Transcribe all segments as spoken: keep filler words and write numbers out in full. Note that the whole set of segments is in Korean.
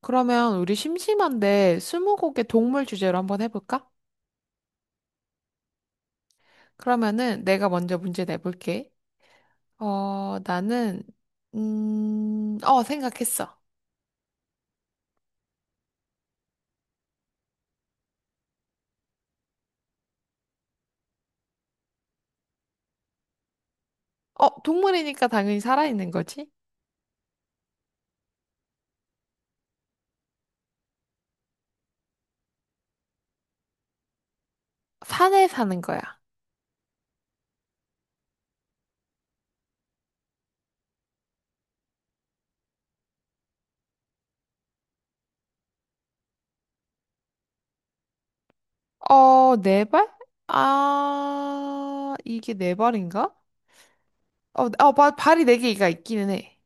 그러면 우리 심심한데 스무고개 동물 주제로 한번 해볼까? 그러면은 내가 먼저 문제 내볼게. 어, 나는, 음, 어, 생각했어. 어, 동물이니까 당연히 살아있는 거지? 산에 사는 거야. 어, 네 발? 아, 이게 네 발인가? 어, 네, 어, 바, 발이 네 개가 있기는 해.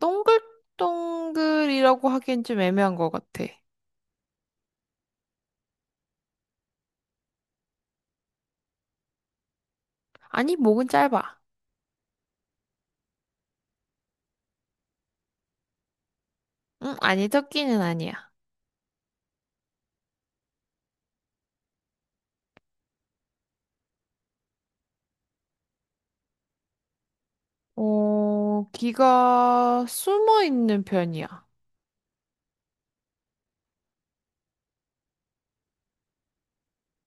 동글동글이라고 하기엔 좀 애매한 것 같아. 아니, 목은 짧아. 응, 아니, 토끼는 아니야. 어, 귀가 숨어 있는 편이야.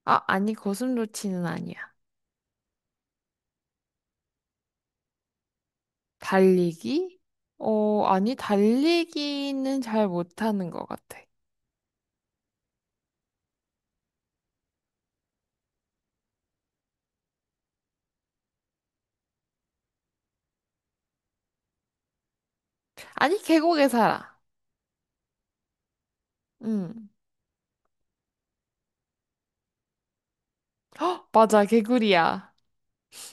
아, 아니, 고슴도치는 아니야. 달리기? 어, 아니, 달리기는 잘 못하는 것 같아. 아니, 계곡에 살아. 응. 맞아, 개구리야.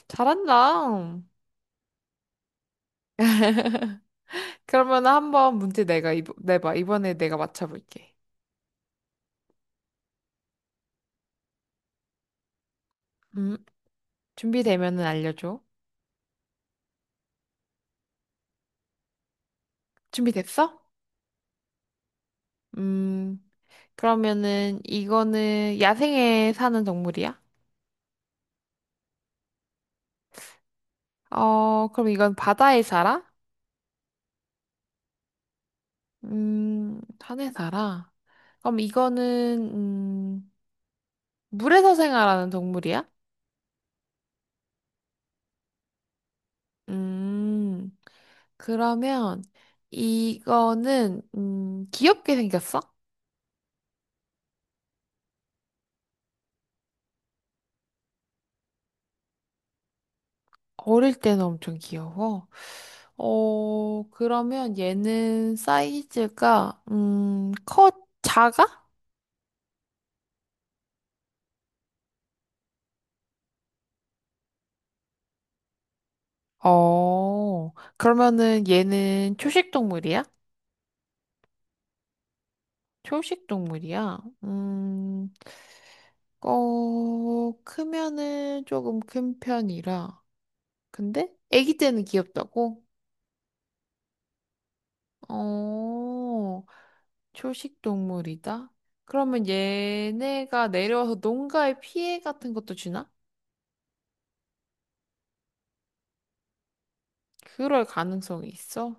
잘한다. 그러면 한번 문제 내가 이번, 내봐. 이번에 내가 맞춰볼게. 음, 준비되면은 알려줘. 준비됐어? 음, 그러면은 이거는 야생에 사는 동물이야? 어, 그럼 이건 바다에 살아? 음, 산에 살아? 그럼 이거는, 음, 물에서 생활하는 동물이야? 음, 그러면 이거는, 음, 귀엽게 생겼어? 어릴 때는 엄청 귀여워. 어, 그러면 얘는 사이즈가, 음, 커, 작아? 어, 그러면은 얘는 초식 동물이야? 초식 동물이야? 음, 어, 크면은 조금 큰 편이라. 근데 아기 때는 귀엽다고? 어, 초식 동물이다? 그러면 얘네가 내려와서 농가에 피해 같은 것도 주나? 그럴 가능성이 있어?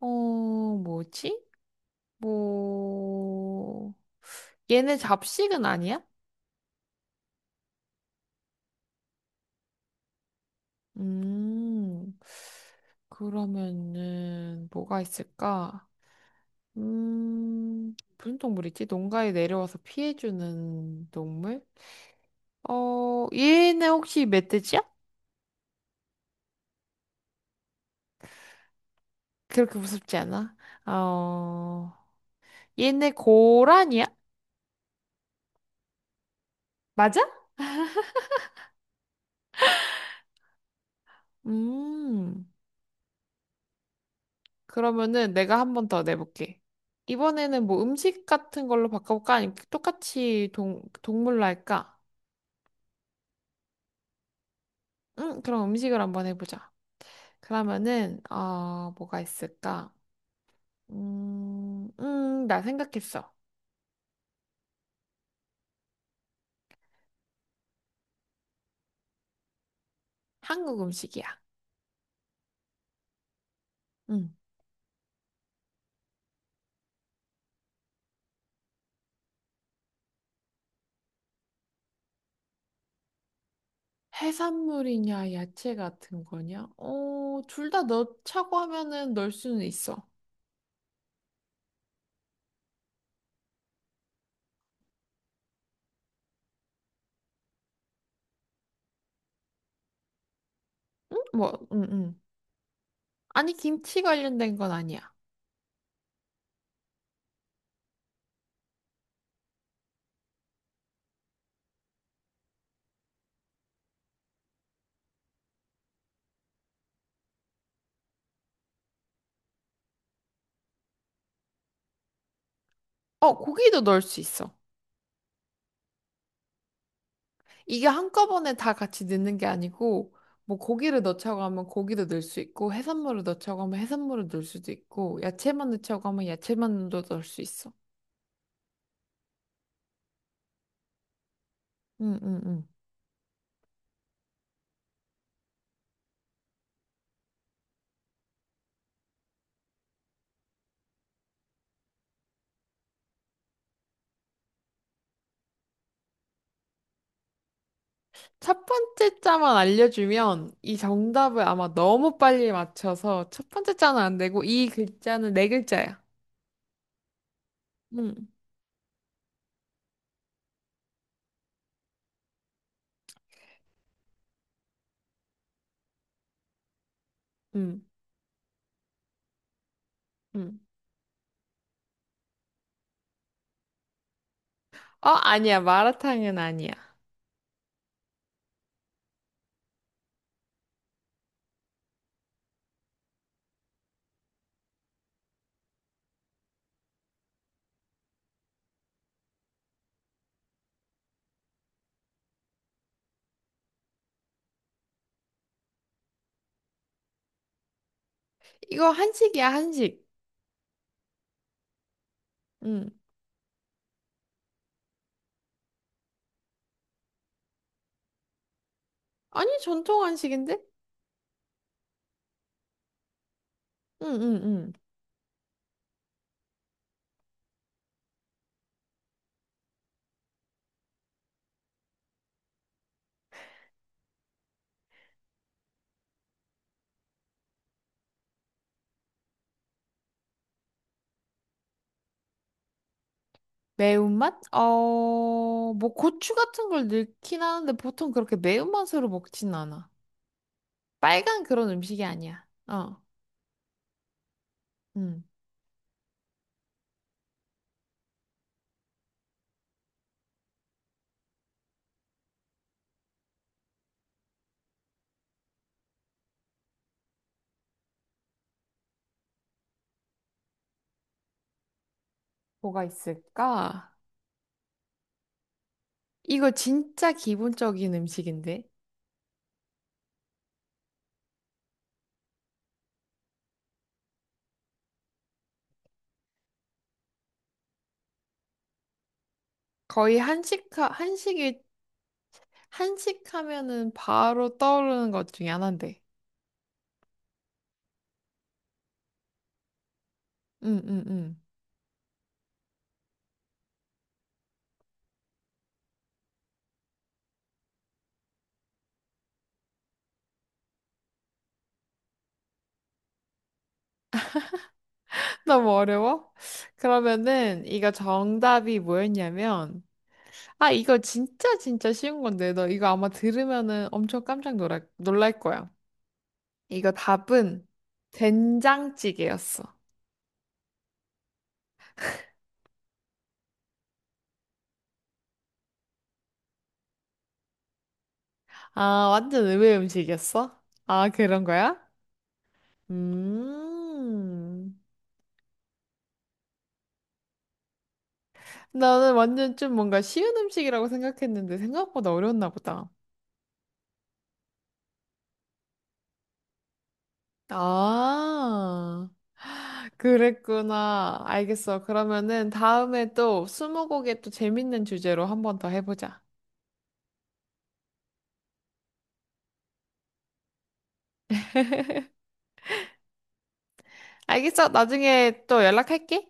어, 뭐지? 뭐, 얘네 잡식은 아니야? 음, 그러면은 뭐가 있을까? 음, 무슨 동물 있지? 농가에 내려와서 피해주는 동물? 어, 얘네 혹시 멧돼지야? 그렇게 무섭지 않아? 어, 얘네 고라니야? 맞아? 음, 그러면은 내가 한 번 더 내볼게. 이번에는 뭐 음식 같은 걸로 바꿔볼까? 아니면 똑같이 동, 동물로 할까? 응, 그럼 음식을 한번 해보자. 그러면은, 어, 뭐가 있을까? 음, 음, 나 생각했어. 한국 음식이야. 응. 해산물이냐, 야채 같은 거냐? 어, 둘 다 넣자고 하면은 넣을 수는 있어. 응? 뭐, 응, 응. 아니, 김치 관련된 건 아니야. 어, 고기도 넣을 수 있어. 이게 한꺼번에 다 같이 넣는 게 아니고, 뭐, 고기를 넣자고 하면 고기도 넣을 수 있고, 해산물을 넣자고 하면 해산물을 넣을 수도 있고, 야채만 넣자고 하면 야채만 넣을 수 있어. 응, 응, 응. 첫 번째 자만 알려주면 이 정답을 아마 너무 빨리 맞춰서 첫 번째 자는 안 되고 이 글자는 네 글자야. 응, 응, 응. 어, 아니야. 마라탕은 아니야. 이거 한식이야, 한식. 응. 아니, 전통 한식인데? 응, 응, 응. 매운맛? 어, 뭐 고추 같은 걸 넣긴 하는데 보통 그렇게 매운맛으로 먹진 않아. 빨간 그런 음식이 아니야. 어, 응. 뭐가 있을까? 이거 진짜 기본적인 음식인데? 거의 한식, 한식이, 한식 하면은 바로 떠오르는 것 중에 하나인데. 응, 응, 응. 너무 어려워? 그러면은 이거 정답이 뭐였냐면, 아, 이거 진짜 진짜 쉬운 건데, 너 이거 아마 들으면은 엄청 깜짝 놀랄, 놀랄 거야. 이거 답은 된장찌개였어. 아, 완전 의외 음식이었어? 아, 그런 거야? 음. 나는 완전 좀 뭔가 쉬운 음식이라고 생각했는데 생각보다 어려웠나 보다. 아, 그랬구나. 알겠어. 그러면은 다음에 또 스무고개 또 재밌는 주제로 한번 더 해보자. 알겠어. 나중에 또 연락할게.